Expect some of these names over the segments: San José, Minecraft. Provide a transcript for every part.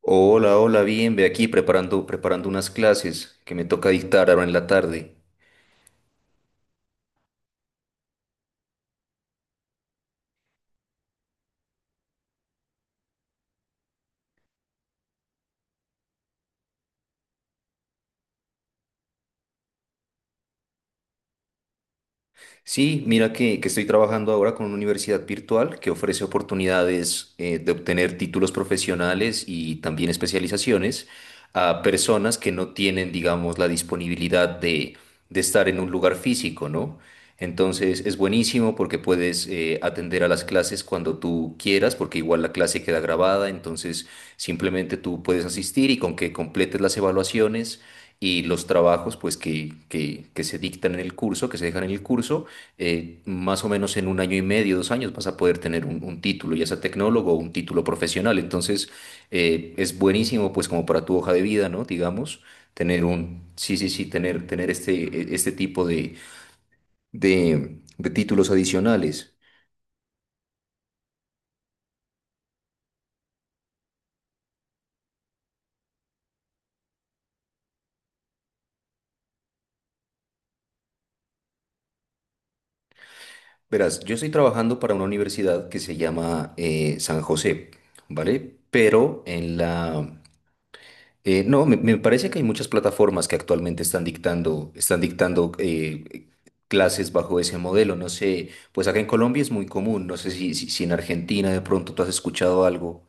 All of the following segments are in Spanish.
Hola, hola, bien, ve aquí preparando, preparando unas clases que me toca dictar ahora en la tarde. Sí, mira que estoy trabajando ahora con una universidad virtual que ofrece oportunidades de obtener títulos profesionales y también especializaciones a personas que no tienen, digamos, la disponibilidad de estar en un lugar físico, ¿no? Entonces es buenísimo porque puedes atender a las clases cuando tú quieras, porque igual la clase queda grabada, entonces simplemente tú puedes asistir y con que completes las evaluaciones y los trabajos pues que se dictan en el curso, que se dejan en el curso, más o menos en un año y medio, dos años, vas a poder tener un título, ya sea tecnólogo o un título profesional. Entonces, es buenísimo, pues, como para tu hoja de vida, ¿no? Digamos, tener un, sí, sí, sí, tener, tener este, este tipo de, de títulos adicionales. Verás, yo estoy trabajando para una universidad que se llama San José, ¿vale? Pero en la. No, me parece que hay muchas plataformas que actualmente están dictando clases bajo ese modelo. No sé, pues acá en Colombia es muy común. No sé si en Argentina de pronto tú has escuchado algo.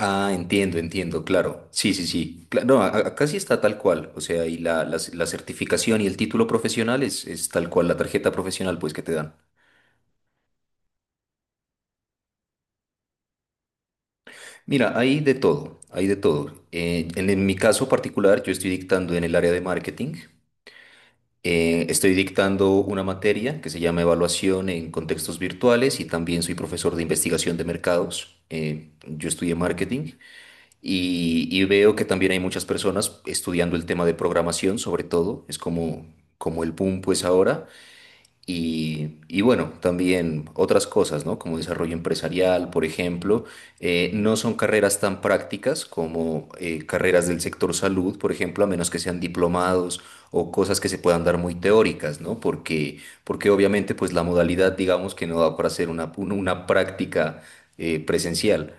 Ah, entiendo, entiendo, claro. Sí, sí, sí. Cla- No, acá sí está tal cual. O sea, y la certificación y el título profesional es tal cual, la tarjeta profesional pues que te dan. Mira, hay de todo, hay de todo. En mi caso particular, yo estoy dictando en el área de marketing. Estoy dictando una materia que se llama Evaluación en contextos virtuales y también soy profesor de investigación de mercados. Yo estudié marketing y veo que también hay muchas personas estudiando el tema de programación, sobre todo. Es como, como el boom pues ahora. Y bueno, también otras cosas, ¿no? Como desarrollo empresarial, por ejemplo, no son carreras tan prácticas como carreras del sector salud, por ejemplo, a menos que sean diplomados o cosas que se puedan dar muy teóricas, ¿no? Porque, porque obviamente, pues la modalidad, digamos que no da para hacer una, una práctica presencial.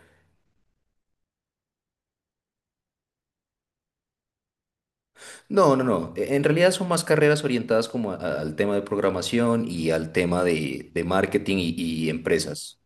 No, no, no. En realidad son más carreras orientadas como al tema de programación y al tema de marketing y empresas.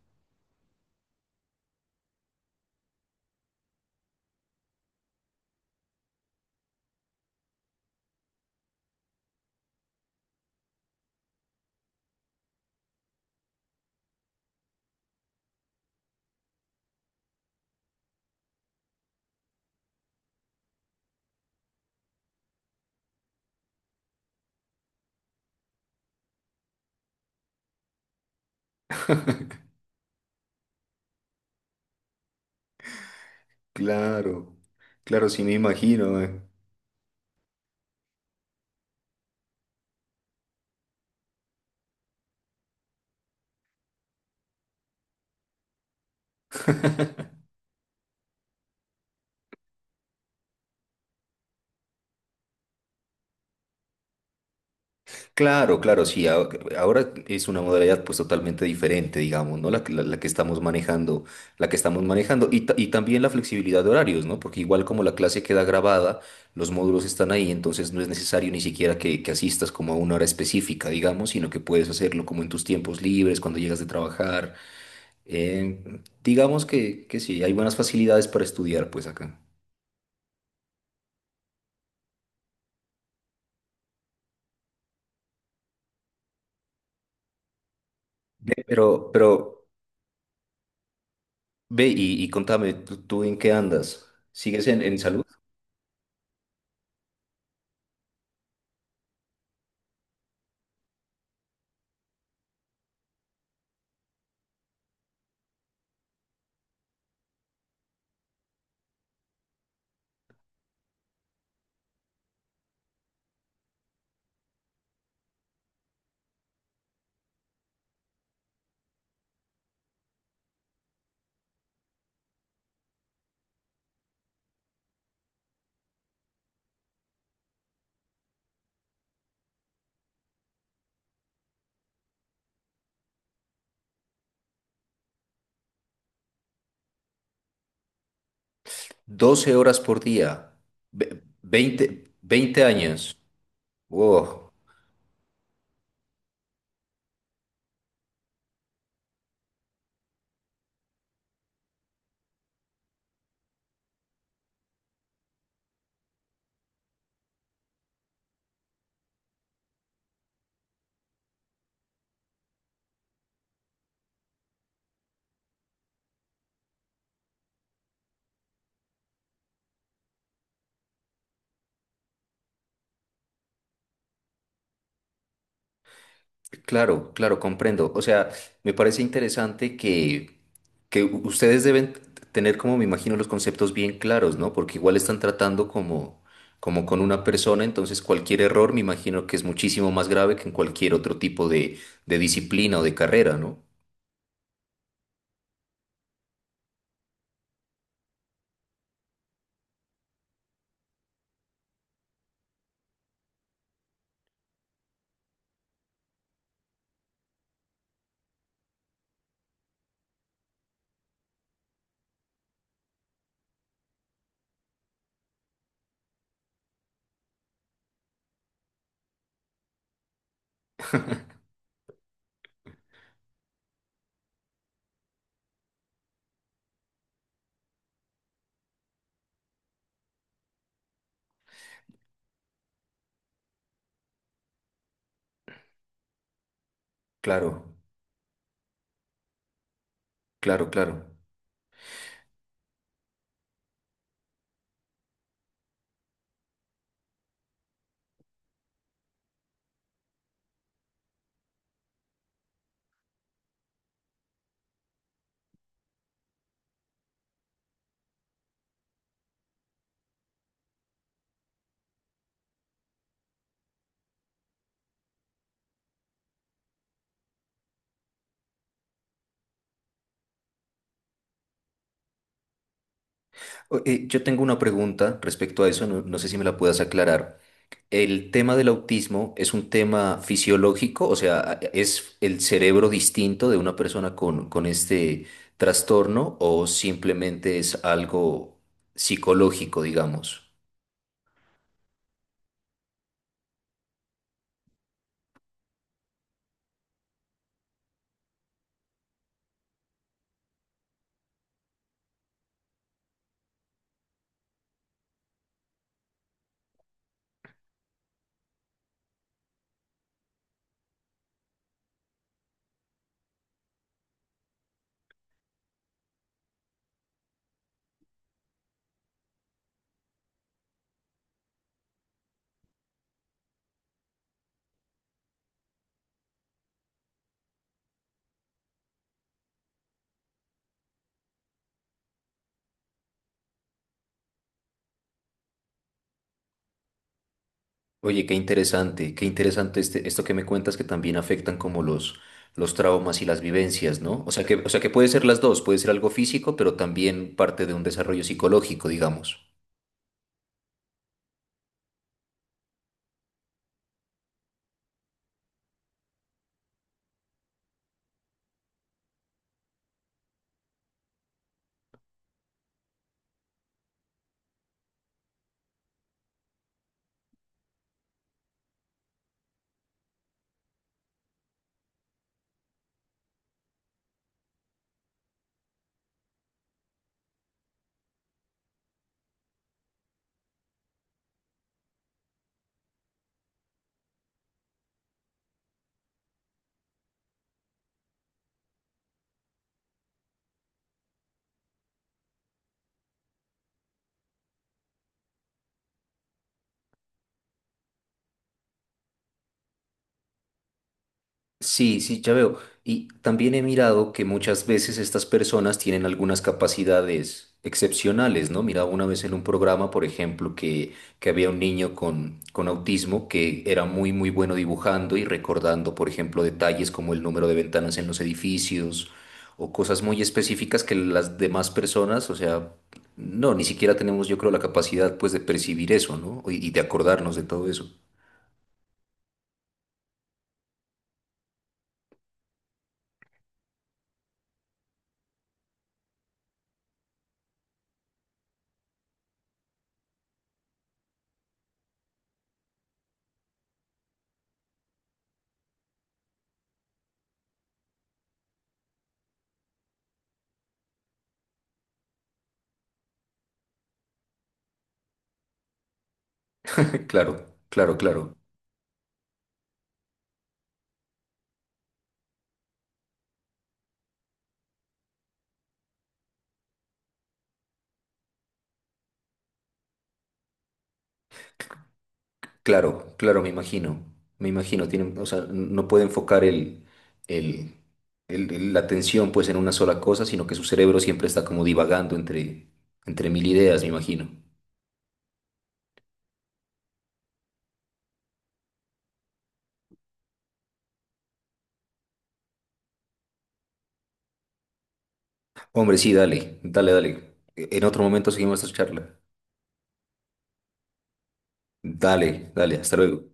Claro, claro, sí me imagino. Claro, claro, sí. Ahora es una modalidad pues totalmente diferente, digamos, ¿no? La, que la que estamos manejando, la que estamos manejando y, y también la flexibilidad de horarios, ¿no? Porque igual como la clase queda grabada, los módulos están ahí, entonces no es necesario ni siquiera que asistas como a una hora específica, digamos, sino que puedes hacerlo como en tus tiempos libres, cuando llegas de trabajar. Digamos que sí, hay buenas facilidades para estudiar pues acá. Pero ve y contame, ¿tú en qué andas? ¿Sigues en salud? 12 horas por día, ve- 20, 20 años. Wow, claro, claro, comprendo. O sea, me parece interesante que ustedes deben tener, como me imagino, los conceptos bien claros, ¿no? Porque igual están tratando como, como con una persona, entonces cualquier error me imagino que es muchísimo más grave que en cualquier otro tipo de disciplina o de carrera, ¿no? Claro, claro, claro. Yo tengo una pregunta respecto a eso, no, no sé si me la puedas aclarar. ¿El tema del autismo es un tema fisiológico? O sea, ¿es el cerebro distinto de una persona con este trastorno o simplemente es algo psicológico, digamos? Oye, qué interesante este, esto que me cuentas que también afectan como los traumas y las vivencias, ¿no? O sea que puede ser las dos, puede ser algo físico, pero también parte de un desarrollo psicológico, digamos. Sí, sí, ya veo. Y también he mirado que muchas veces estas personas tienen algunas capacidades excepcionales, ¿no? Miraba una vez en un programa, por ejemplo, que había un niño con autismo que era muy, muy bueno dibujando y recordando, por ejemplo, detalles como el número de ventanas en los edificios o cosas muy específicas que las demás personas, o sea, no, ni siquiera tenemos, yo creo, la capacidad, pues, de percibir eso, ¿no? Y y de acordarnos de todo eso. Claro, claro, claro. Claro, claro, me imagino, tienen, o sea, no puede enfocar el, la atención pues en una sola cosa, sino que su cerebro siempre está como divagando entre, entre mil ideas, me imagino. Hombre, sí, dale, dale, dale. En otro momento seguimos esta charla. Dale, dale, hasta luego.